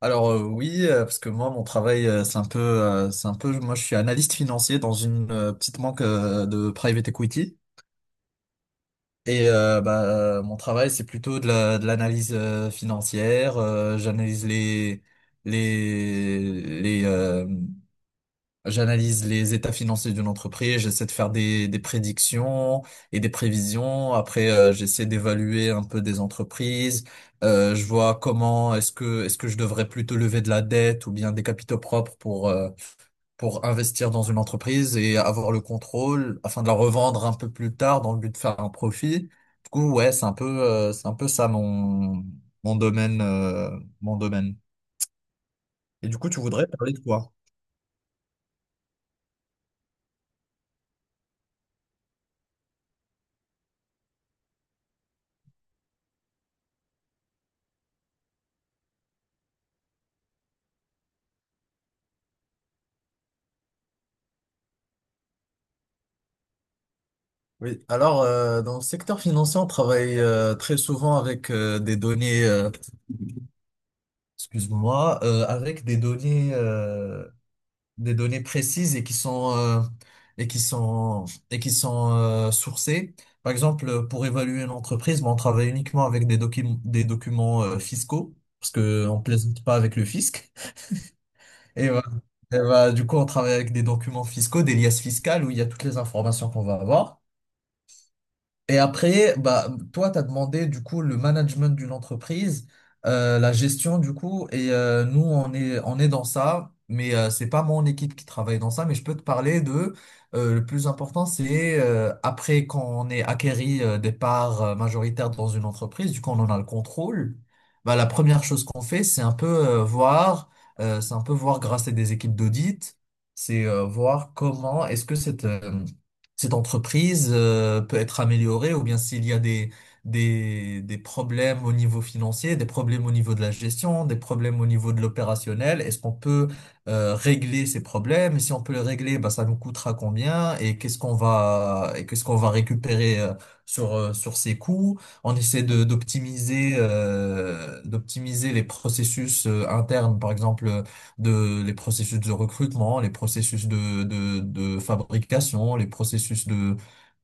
Oui, parce que moi mon travail c'est un peu, moi je suis analyste financier dans une petite banque de private equity et mon travail c'est plutôt de de l'analyse financière. Les les euh, J'analyse les états financiers d'une entreprise, j'essaie de faire des prédictions et des prévisions. Après, j'essaie d'évaluer un peu des entreprises. Je vois comment est-ce que je devrais plutôt lever de la dette ou bien des capitaux propres pour investir dans une entreprise et avoir le contrôle afin de la revendre un peu plus tard dans le but de faire un profit. Du coup, ouais, c'est un peu ça mon mon domaine euh, mon domaine. Et du coup, tu voudrais parler de quoi? Oui, alors dans le secteur financier, on travaille très souvent avec des données, excuse-moi, avec des données, des données précises et qui sont et qui sont sourcées. Par exemple, pour évaluer une entreprise, bon, on travaille uniquement avec des documents fiscaux parce que on plaisante pas avec le fisc. Et voilà. Et voilà, du coup, on travaille avec des documents fiscaux, des liasses fiscales où il y a toutes les informations qu'on va avoir. Et après, bah, toi, tu as demandé du coup le management d'une entreprise, la gestion du coup, et nous, on est dans ça, mais c'est pas mon équipe qui travaille dans ça, mais je peux te parler de, le plus important, c'est après quand on est acquéri des parts majoritaires dans une entreprise, du coup, on en a le contrôle, bah, la première chose qu'on fait, c'est un peu c'est un peu voir grâce à des équipes d'audit, c'est voir comment est-ce que cette entreprise peut être améliorée ou bien s'il y a des problèmes au niveau financier, des problèmes au niveau de la gestion, des problèmes au niveau de l'opérationnel, est-ce qu'on peut régler ces problèmes? Et si on peut les régler, bah, ça nous coûtera combien? Et qu'est-ce qu'on va récupérer sur ces coûts? On essaie d'optimiser, d'optimiser les processus internes, par exemple, de les processus de recrutement, les processus de fabrication, les processus de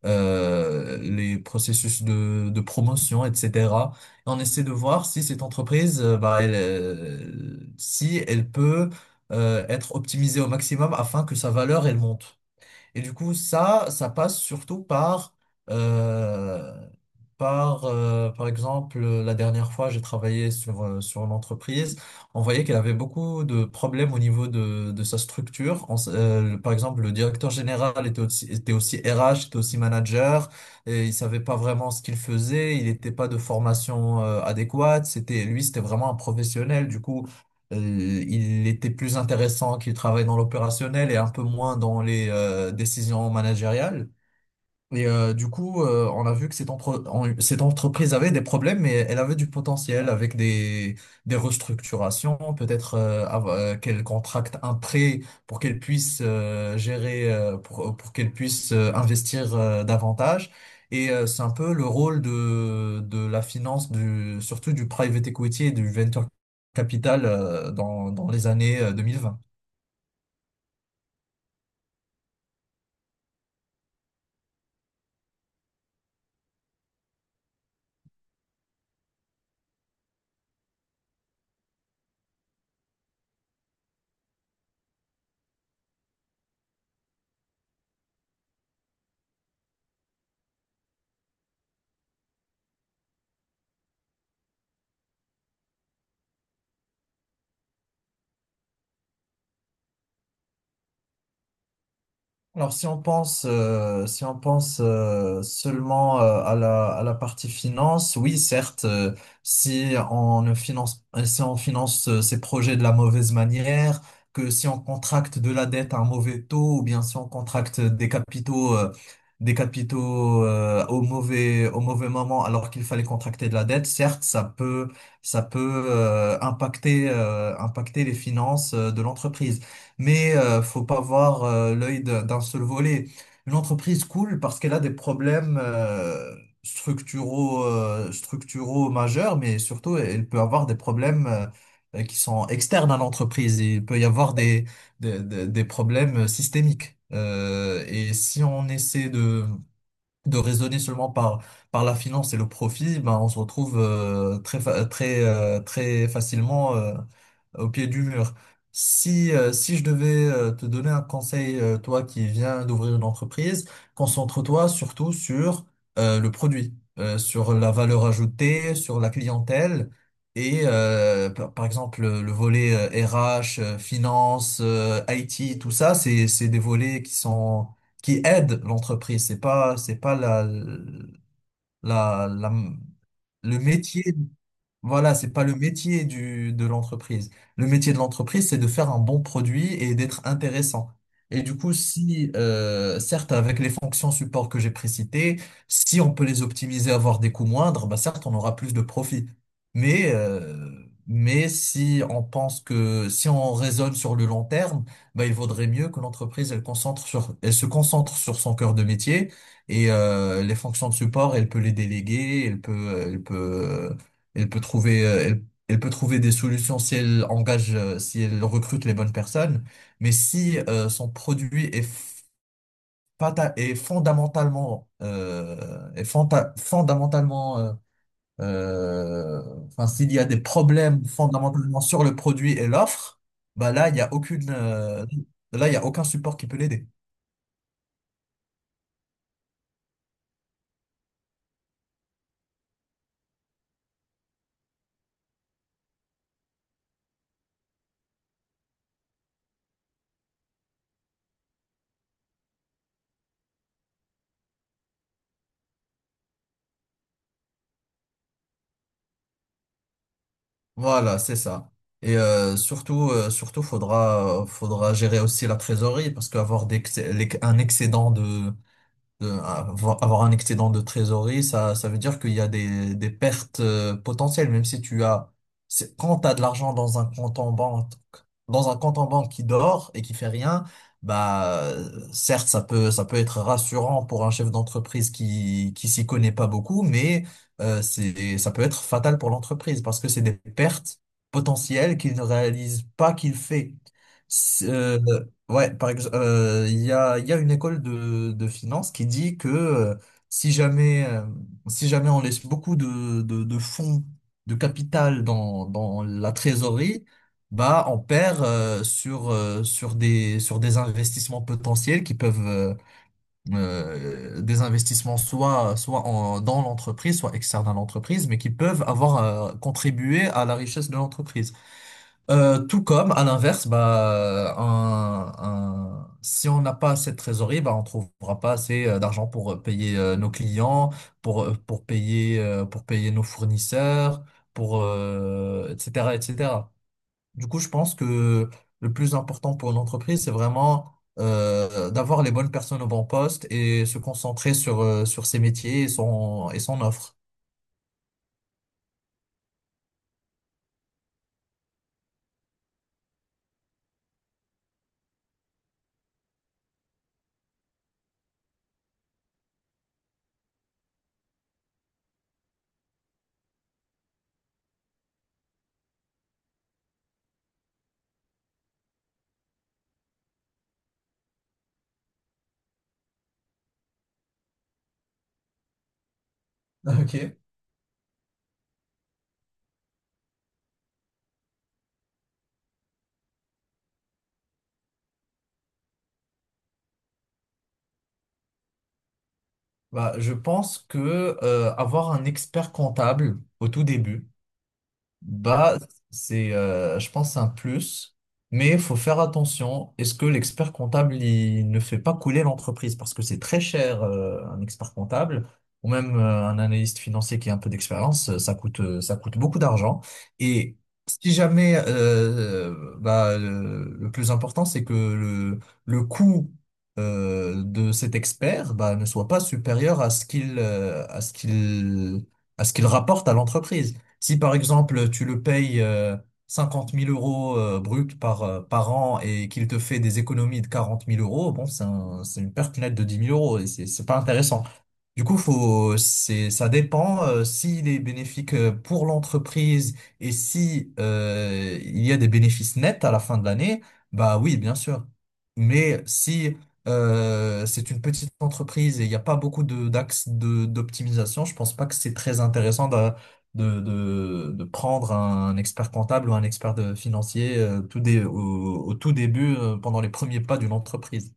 les processus de promotion, etc. Et on essaie de voir si cette entreprise, bah, elle, si elle peut être optimisée au maximum afin que sa valeur elle monte. Et du coup, ça passe surtout euh, par exemple, la dernière fois, j'ai travaillé sur une entreprise. On voyait qu'elle avait beaucoup de problèmes au niveau de sa structure. Par exemple, le directeur général était aussi RH, était aussi manager, et il savait pas vraiment ce qu'il faisait. Il n'était pas de formation, adéquate. C'était, lui, c'était vraiment un professionnel. Du coup, il était plus intéressant qu'il travaille dans l'opérationnel et un peu moins dans les décisions managériales. Et on a vu que cette entreprise avait des problèmes, mais elle avait du potentiel avec des restructurations, peut-être qu'elle contracte un prêt pour qu'elle puisse pour qu'elle puisse investir davantage. Et c'est un peu le rôle de la finance, du, surtout du private equity et du venture capital dans les années 2020. Alors, si on pense, si on pense seulement à à la partie finance, oui, certes, si on ne si on finance ces projets de la mauvaise manière, que si on contracte de la dette à un mauvais taux, ou bien si on contracte des des capitaux au mauvais moment, alors qu'il fallait contracter de la dette, certes, ça peut impacter les finances de l'entreprise, mais faut pas voir l'œil d'un seul volet. Une entreprise cool parce qu'elle a des problèmes structuraux majeurs, mais surtout elle peut avoir des problèmes qui sont externes à l'entreprise. Il peut y avoir des problèmes systémiques. Et si on essaie de raisonner seulement par la finance et le profit, ben on se retrouve très facilement au pied du mur. Si, si je devais te donner un conseil, toi qui viens d'ouvrir une entreprise, concentre-toi surtout sur le produit, sur la valeur ajoutée, sur la clientèle et par exemple le volet RH, finance, IT, tout ça, c'est des volets qui sont qui aident l'entreprise. C'est pas la le métier. Voilà, c'est pas le métier du, de l'entreprise. Le métier de l'entreprise, c'est de faire un bon produit et d'être intéressant. Et du coup, si, certes, avec les fonctions support que j'ai précitées, si on peut les optimiser, avoir des coûts moindres, bah certes, on aura plus de profit. Mais, euh, mais si on pense que, si on raisonne sur le long terme, bah, il vaudrait mieux que l'entreprise, elle concentre sur, elle se concentre sur son cœur de métier et, les fonctions de support, elle peut les déléguer, elle peut trouver, elle peut trouver des solutions si elle engage, si elle recrute les bonnes personnes. Mais si son produit est fondamentalement, fondamentalement, euh, enfin, s'il y a des problèmes fondamentalement sur le produit et l'offre, bah là, il y a aucune, là, il y a aucun support qui peut l'aider. Voilà, c'est ça. Et surtout, faudra gérer aussi la trésorerie parce qu'avoir des, un excédent de avoir un excédent de trésorerie, ça veut dire qu'il y a des pertes potentielles, même si tu as, quand tu as de l'argent dans un compte en banque, dans un compte en banque qui dort et qui fait rien, bah, certes, ça peut être rassurant pour un chef d'entreprise qui s'y connaît pas beaucoup, mais ça peut être fatal pour l'entreprise parce que c'est des pertes potentielles qu'il ne réalise pas qu'il fait. C'est- euh, Ouais, par exemple, il y a une école de finance qui dit que si jamais, si jamais on laisse beaucoup de fonds, de capital dans la trésorerie, bah on perd sur des investissements potentiels qui peuvent des investissements soit dans l'entreprise, soit externes à l'entreprise, mais qui peuvent avoir contribué à la richesse de l'entreprise. Tout comme, à l'inverse, bah, si on n'a pas assez de trésorerie, bah, on trouvera pas assez d'argent pour payer nos clients, pour, pour payer nos fournisseurs, pour, etc., etc. Du coup, je pense que le plus important pour une entreprise, c'est vraiment d'avoir les bonnes personnes au bon poste et se concentrer sur, sur ses métiers et son offre. Ok. Bah, je pense que avoir un expert comptable au tout début, bah, c'est, je pense, un plus, mais il faut faire attention. Est-ce que l'expert comptable, il ne fait pas couler l'entreprise? Parce que c'est très cher, un expert comptable, ou même un analyste financier qui a un peu d'expérience, ça coûte beaucoup d'argent. Et si jamais, bah, le plus important, c'est que le coût de cet expert bah, ne soit pas supérieur à ce qu'il à ce qu'il rapporte à l'entreprise. Si par exemple tu le payes 50 000 euros brut par an et qu'il te fait des économies de 40 000 euros, bon, c'est une perte nette de 10 000 euros et c'est pas intéressant. Du coup, ça dépend s'il est bénéfique pour l'entreprise et si il y a des bénéfices nets à la fin de l'année, bah oui, bien sûr. Mais si c'est une petite entreprise et il n'y a pas beaucoup de, d'axes de, d'optimisation, je pense pas que c'est très intéressant de prendre un expert comptable ou un financier au tout début, pendant les premiers pas d'une entreprise.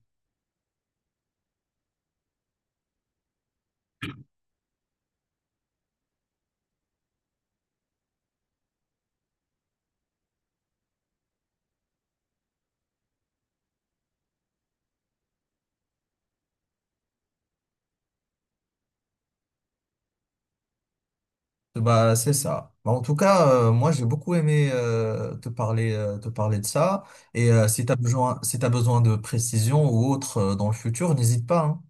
Bah, c'est ça. Bah, en tout cas, moi, j'ai beaucoup aimé te parler de ça. Et si tu as besoin, si tu besoin de précision ou autre dans le futur, n'hésite pas, hein.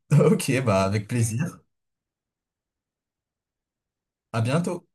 Ok, bah, avec plaisir. À bientôt.